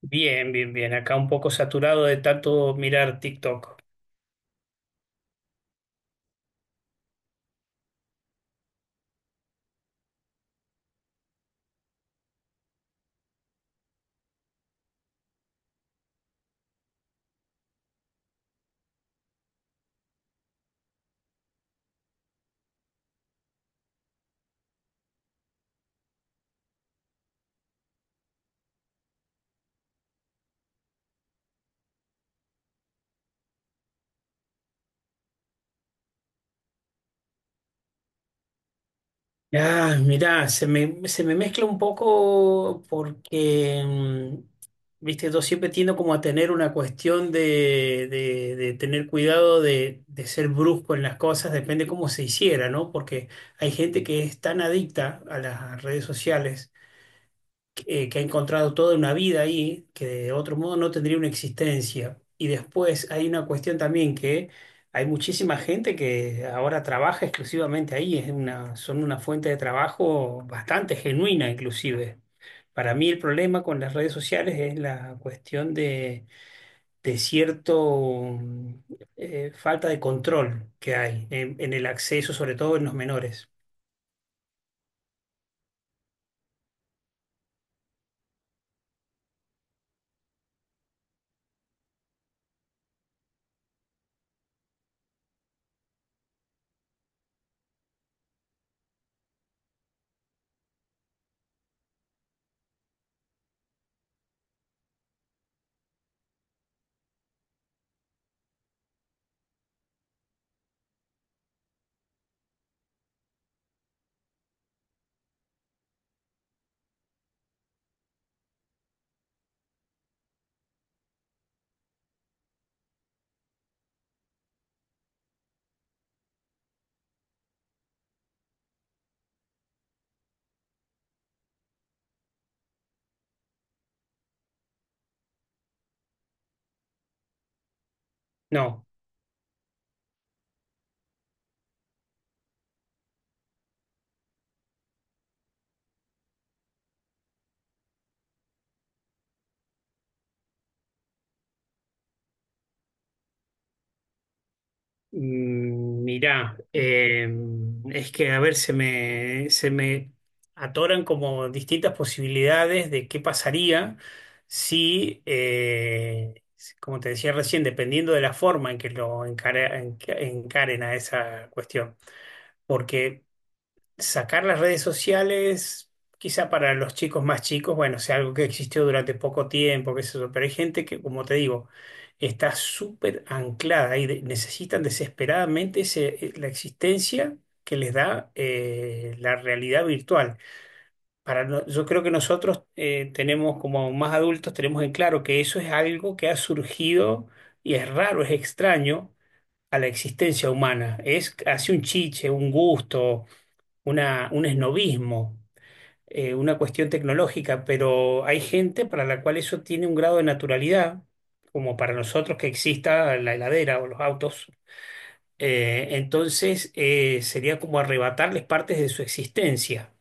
Bien, bien, bien. Acá un poco saturado de tanto mirar TikTok. Ah, mirá, se me mezcla un poco porque, viste, yo siempre tiendo como a tener una cuestión de tener cuidado de ser brusco en las cosas, depende cómo se hiciera, ¿no? Porque hay gente que es tan adicta a las redes sociales, que ha encontrado toda una vida ahí, que de otro modo no tendría una existencia. Y después hay una cuestión también que hay muchísima gente que ahora trabaja exclusivamente ahí, es una, son una fuente de trabajo bastante genuina inclusive. Para mí el problema con las redes sociales es la cuestión de cierto, mm, falta de control que hay en el acceso, sobre todo en los menores. No. Mirá, es que a ver, se me atoran como distintas posibilidades de qué pasaría si, si, como te decía recién, dependiendo de la forma en que encaren a esa cuestión. Porque sacar las redes sociales, quizá para los chicos más chicos, bueno, sea algo que existió durante poco tiempo, qué sé yo, pero hay gente que, como te digo, está súper anclada y necesitan desesperadamente la existencia que les da la realidad virtual. Para no- Yo creo que nosotros tenemos, como más adultos, tenemos en claro que eso es algo que ha surgido y es raro, es extraño a la existencia humana. Es casi un chiche, un gusto, una, un esnobismo, una cuestión tecnológica, pero hay gente para la cual eso tiene un grado de naturalidad, como para nosotros que exista la heladera o los autos. Entonces, sería como arrebatarles partes de su existencia.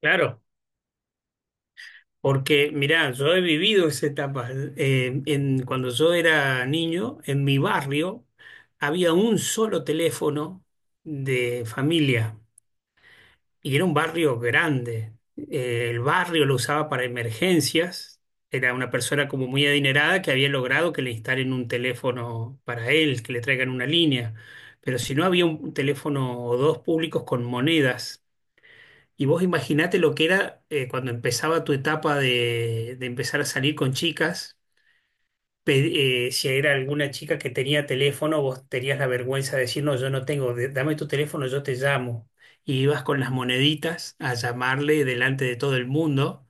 Claro, porque mirá, yo he vivido esa etapa. Cuando yo era niño, en mi barrio había un solo teléfono de familia. Y era un barrio grande. El barrio lo usaba para emergencias. Era una persona como muy adinerada que había logrado que le instalen un teléfono para él, que le traigan una línea. Pero si no, había un teléfono o dos públicos con monedas. Y vos imaginate lo que era cuando empezaba tu etapa de empezar a salir con chicas, si era alguna chica que tenía teléfono, vos tenías la vergüenza de decir, no, yo no tengo, dame tu teléfono, yo te llamo. Y ibas con las moneditas a llamarle delante de todo el mundo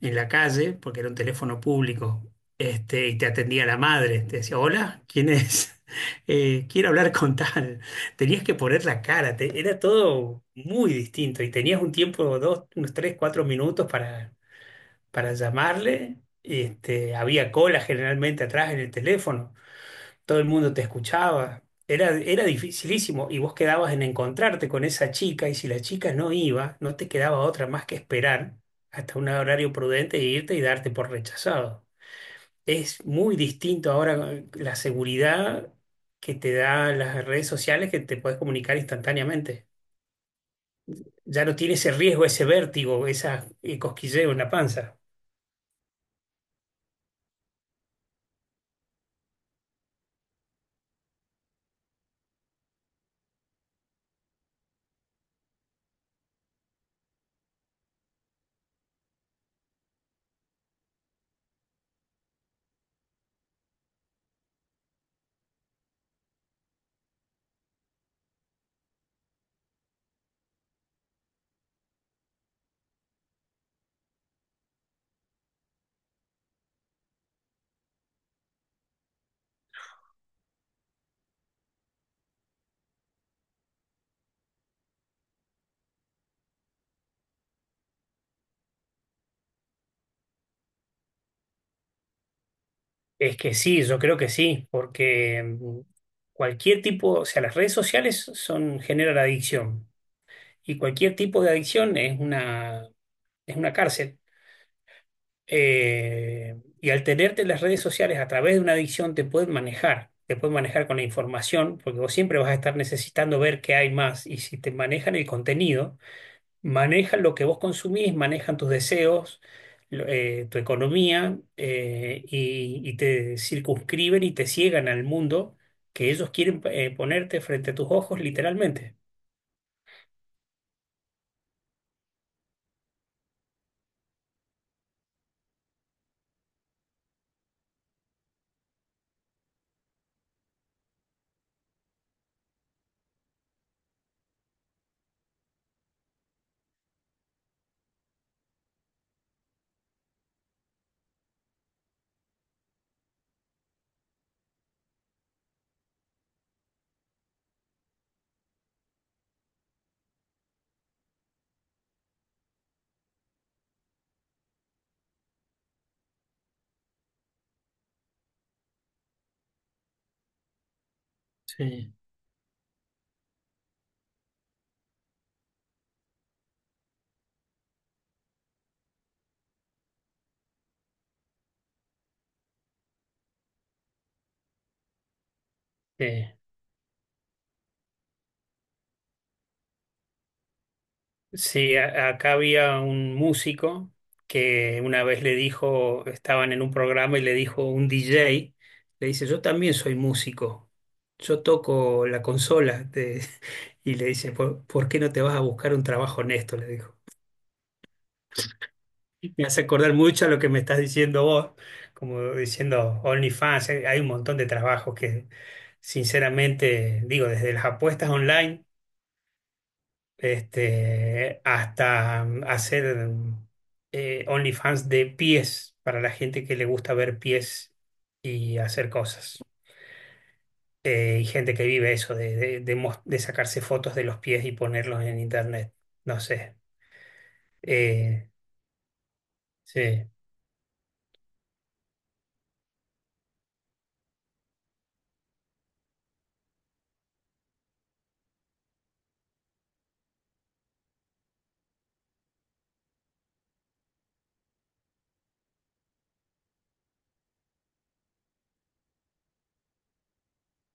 en la calle, porque era un teléfono público. Este, y te atendía la madre, te decía, hola, ¿quién es? Quiero hablar con tal. Tenías que poner la cara, era todo muy distinto y tenías un tiempo, dos, unos tres, cuatro minutos para llamarle. Este, había cola generalmente atrás en el teléfono, todo el mundo te escuchaba. Era dificilísimo y vos quedabas en encontrarte con esa chica y si la chica no iba, no te quedaba otra más que esperar hasta un horario prudente e irte y darte por rechazado. Es muy distinto ahora, la seguridad que te da las redes sociales, que te puedes comunicar instantáneamente. Ya no tiene ese riesgo, ese vértigo, esa, cosquilleo en la panza. Es que sí, yo creo que sí, porque, cualquier tipo, o sea, las redes sociales son, generan adicción y cualquier tipo de adicción es una cárcel. Y al tenerte las redes sociales a través de una adicción te pueden manejar con la información, porque vos siempre vas a estar necesitando ver qué hay más, y si te manejan el contenido, manejan lo que vos consumís, manejan tus deseos, tu economía, y te circunscriben y te ciegan al mundo que ellos quieren, ponerte frente a tus ojos literalmente. Sí. Eh, Acá había un músico que una vez le dijo, estaban en un programa y le dijo un DJ, le dice, yo también soy músico, yo toco la consola, y le dice, ¿por qué no te vas a buscar un trabajo honesto? Le dijo. Me hace acordar mucho a lo que me estás diciendo vos, como diciendo OnlyFans, hay un montón de trabajos que, sinceramente, digo, desde las apuestas online, este, hasta hacer, OnlyFans de pies para la gente que le gusta ver pies y hacer cosas. Y gente que vive eso, de sacarse fotos de los pies y ponerlos en internet. No sé. Eh, sí,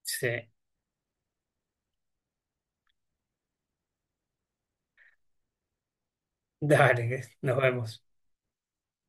sí. Dale, nos vemos.